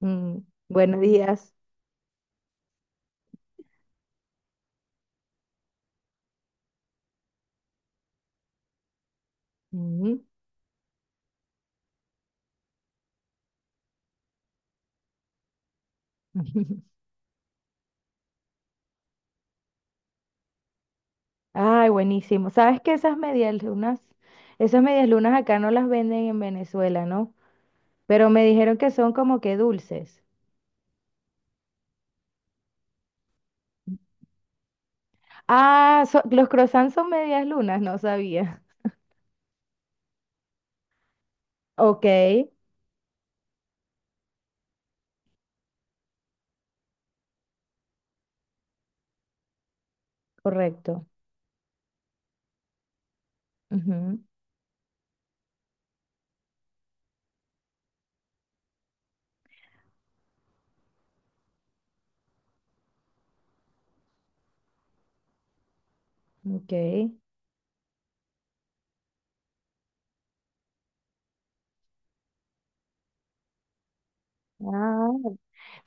Mm, buenos días. Mm. Ay, buenísimo. ¿Sabes que esas medias lunas acá no las venden en Venezuela, ¿no? Pero me dijeron que son como que dulces. Ah, los croissants son medias lunas, no sabía. Ok, correcto. Ujú, ok. Ah,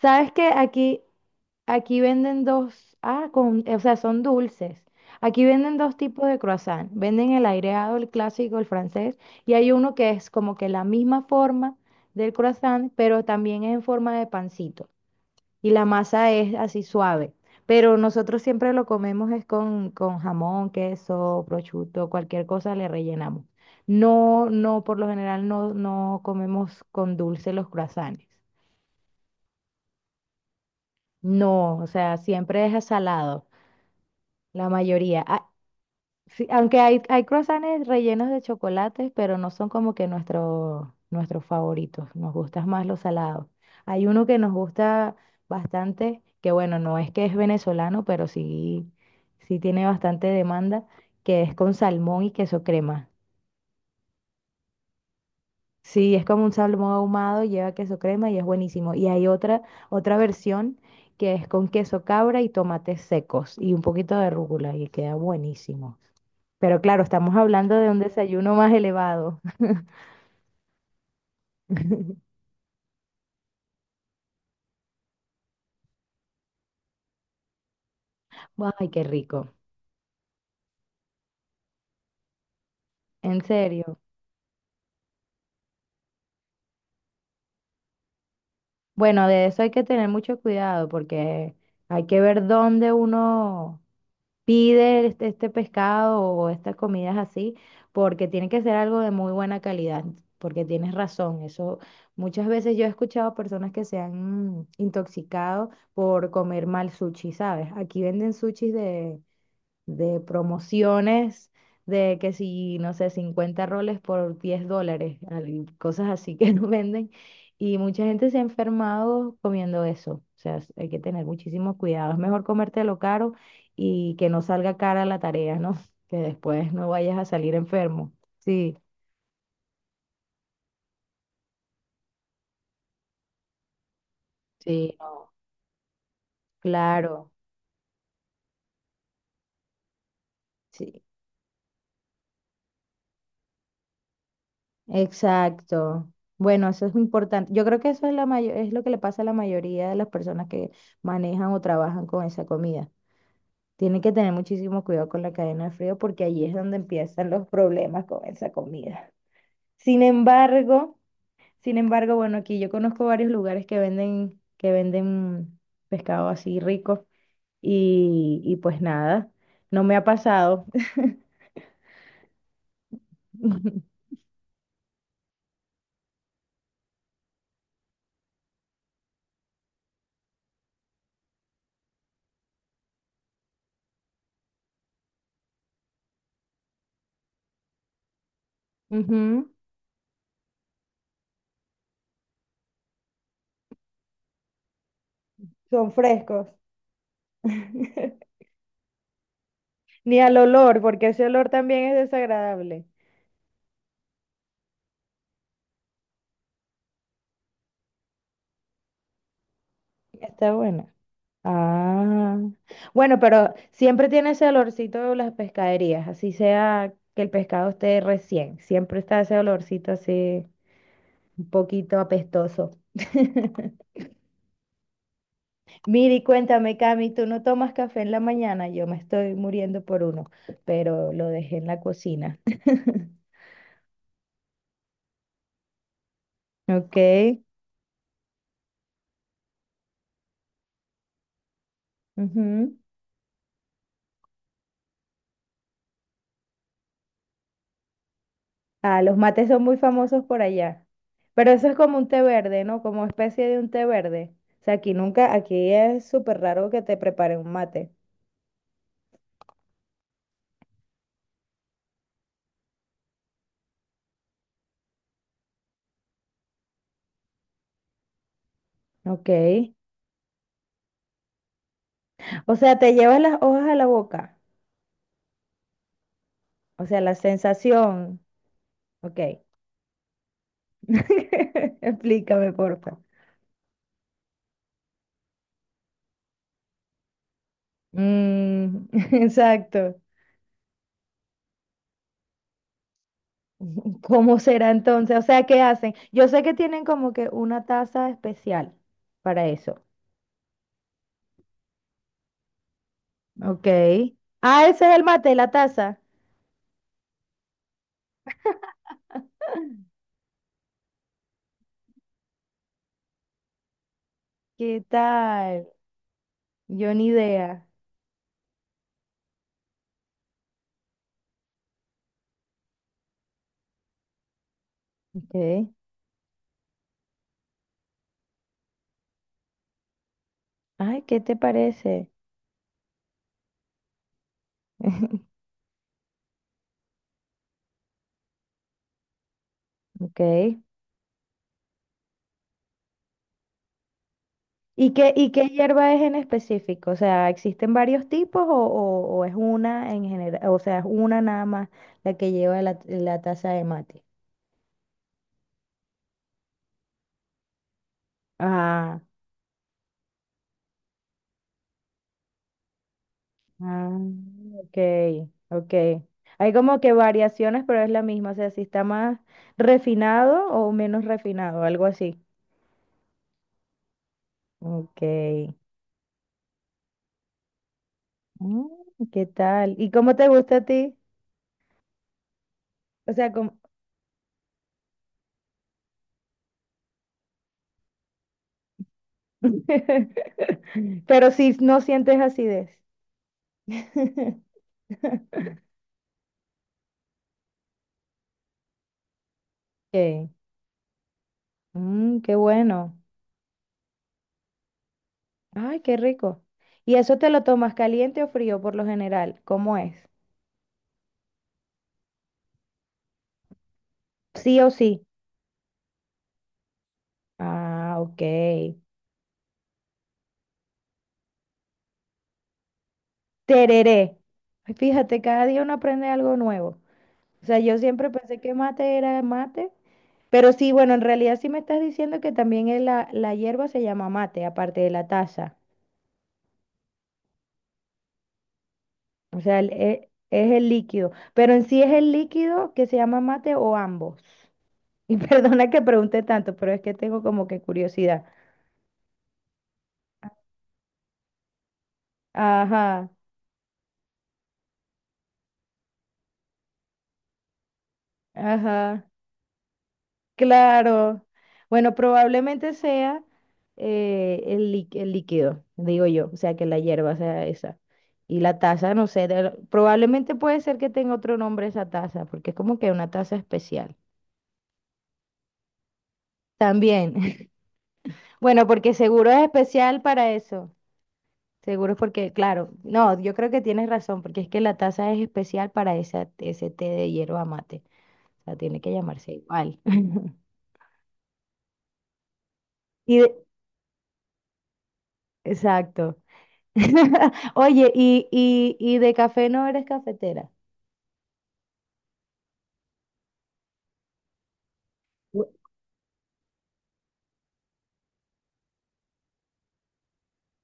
¿sabes que aquí? Aquí venden dos, con, o sea, son dulces. Aquí venden dos tipos de croissant. Venden el aireado, el clásico, el francés, y hay uno que es como que la misma forma del croissant, pero también es en forma de pancito. Y la masa es así suave. Pero nosotros siempre lo comemos es con, jamón, queso, prosciutto, cualquier cosa le rellenamos. No, no, por lo general no, no comemos con dulce los croissants. No, o sea, siempre es salado. La mayoría. Ah, sí, aunque hay croissants rellenos de chocolates, pero no son como que nuestros favoritos. Nos gustan más los salados. Hay uno que nos gusta bastante, que bueno, no es que es venezolano, pero sí, sí tiene bastante demanda, que es con salmón y queso crema. Sí, es como un salmón ahumado, lleva queso crema y es buenísimo. Y hay otra versión que es con queso cabra y tomates secos y un poquito de rúcula y queda buenísimo. Pero claro, estamos hablando de un desayuno más elevado. Ay, qué rico, en serio. Bueno, de eso hay que tener mucho cuidado porque hay que ver dónde uno pide este, este pescado o estas comidas así, porque tiene que ser algo de muy buena calidad, porque tienes razón. Eso muchas veces yo he escuchado a personas que se han intoxicado por comer mal sushi, ¿sabes? Aquí venden sushis de promociones, de que si, no sé, 50 roles por $10, cosas así que no venden. Y mucha gente se ha enfermado comiendo eso. O sea, hay que tener muchísimo cuidado. Es mejor comértelo caro y que no salga cara la tarea, ¿no? Que después no vayas a salir enfermo. Sí, sí, no, claro, sí, exacto. Bueno, eso es muy importante. Yo creo que eso es la es lo que le pasa a la mayoría de las personas que manejan o trabajan con esa comida. Tienen que tener muchísimo cuidado con la cadena de frío porque allí es donde empiezan los problemas con esa comida. Sin embargo, sin embargo, bueno, aquí yo conozco varios lugares que venden pescado así rico y pues nada, no me ha pasado. Ujú, son frescos. Ni al olor, porque ese olor también es desagradable. Está bueno. Ah, bueno, pero siempre tiene ese olorcito de las pescaderías, así sea que el pescado esté recién, siempre está ese olorcito así un poquito apestoso. Miri, cuéntame, Cami, ¿tú no tomas café en la mañana? Yo me estoy muriendo por uno, pero lo dejé en la cocina. Ok. Ujú. Ah, los mates son muy famosos por allá. Pero eso es como un té verde, ¿no? Como especie de un té verde. O sea, aquí nunca, aquí es súper raro que te preparen un mate. Ok. O sea, te llevas las hojas a la boca. O sea, la sensación. Ok. Explícame, porfa. Mm, exacto. ¿Cómo será entonces? O sea, ¿qué hacen? Yo sé que tienen como que una taza especial para eso. Ok. Ah, ese es el mate, la taza. ¿Qué tal? Yo ni idea. Ok. Ay, ¿qué te parece? Ok. Y qué hierba es en específico? O sea, ¿existen varios tipos o, o es una en general? O sea, es una nada más la que lleva la, la taza de mate. Ah, ah, ok, ok. Hay como que variaciones, pero es la misma. O sea, si está más refinado o menos refinado, algo así. Ok. Mm, ¿qué tal? ¿Y cómo te gusta a ti? O sea, pero si no sientes acidez. Ok. Mm, qué bueno. Ay, qué rico. ¿Y eso te lo tomas caliente o frío por lo general? ¿Cómo es? Sí o sí. Ah, ok. Tereré. Ay, fíjate, cada día uno aprende algo nuevo. O sea, yo siempre pensé que mate era mate, pero sí, bueno, en realidad sí me estás diciendo que también es la, la hierba se llama mate, aparte de la taza. O sea, es, el líquido. Pero en sí es el líquido que se llama mate o ambos. Y perdona que pregunte tanto, pero es que tengo como que curiosidad. Ajá, ajá, claro. Bueno, probablemente sea el, el líquido, digo yo. O sea, que la hierba sea esa. Y la taza, no sé, probablemente puede ser que tenga otro nombre esa taza, porque es como que una taza especial. También. Bueno, porque seguro es especial para eso. Seguro es porque, claro, no, yo creo que tienes razón, porque es que la taza es especial para esa, ese té de hierba mate. O sea, tiene que llamarse igual. Y exacto. Oye, y de café no eres cafetera. Bu-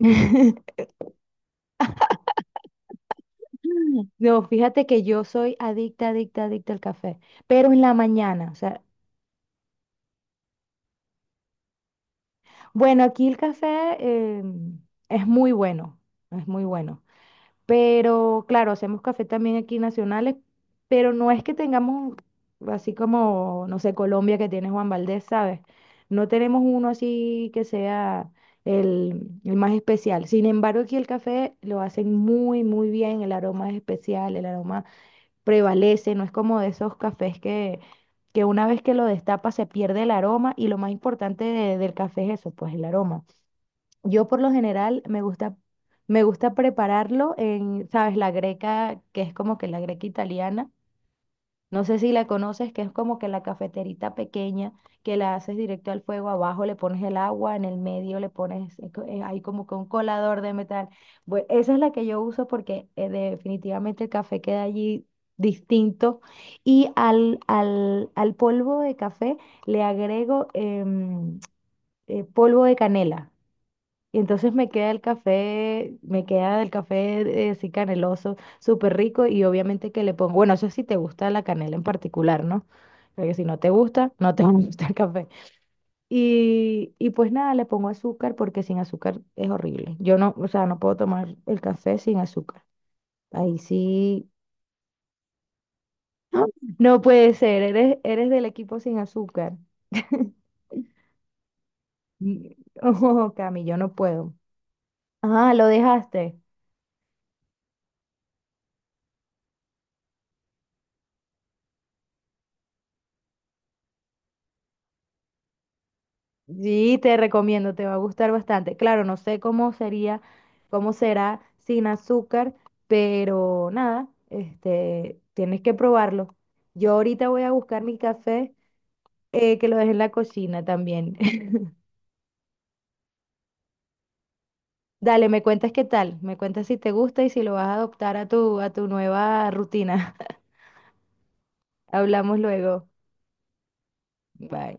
No, fíjate que yo soy adicta, adicta, adicta al café, pero en la mañana, o sea, bueno, aquí el café es muy bueno, es muy bueno. Pero claro, hacemos café también aquí nacionales, pero no es que tengamos así como, no sé, Colombia que tiene Juan Valdez, ¿sabes? No tenemos uno así que sea el, más especial. Sin embargo, aquí el café lo hacen muy, muy bien, el aroma es especial, el aroma prevalece, no es como de esos cafés que una vez que lo destapa se pierde el aroma y lo más importante del café es eso, pues el aroma. Yo por lo general me gusta prepararlo en, ¿sabes? La greca, que es como que la greca italiana. No sé si la conoces, que es como que la cafeterita pequeña que la haces directo al fuego, abajo le pones el agua, en el medio le pones, hay como que un colador de metal. Bueno, esa es la que yo uso porque definitivamente el café queda allí distinto. Y al polvo de café le agrego polvo de canela. Y entonces me queda el café así caneloso, súper rico y obviamente que le pongo, bueno, eso sí te gusta la canela en particular, ¿no? Porque si no te gusta, no te va a gustar el café. Y pues nada, le pongo azúcar porque sin azúcar es horrible. Yo no, o sea, no puedo tomar el café sin azúcar. Ahí sí. ¡Ah! No puede ser, eres del equipo sin azúcar. Y- Oh, Cami, yo no puedo. Ah, lo dejaste. Sí, te recomiendo, te va a gustar bastante. Claro, no sé cómo sería, cómo será sin azúcar, pero nada, este, tienes que probarlo. Yo ahorita voy a buscar mi café, que lo dejé en la cocina también. Dale, me cuentas qué tal, me cuentas si te gusta y si lo vas a adoptar a tu nueva rutina. Hablamos luego. Bye.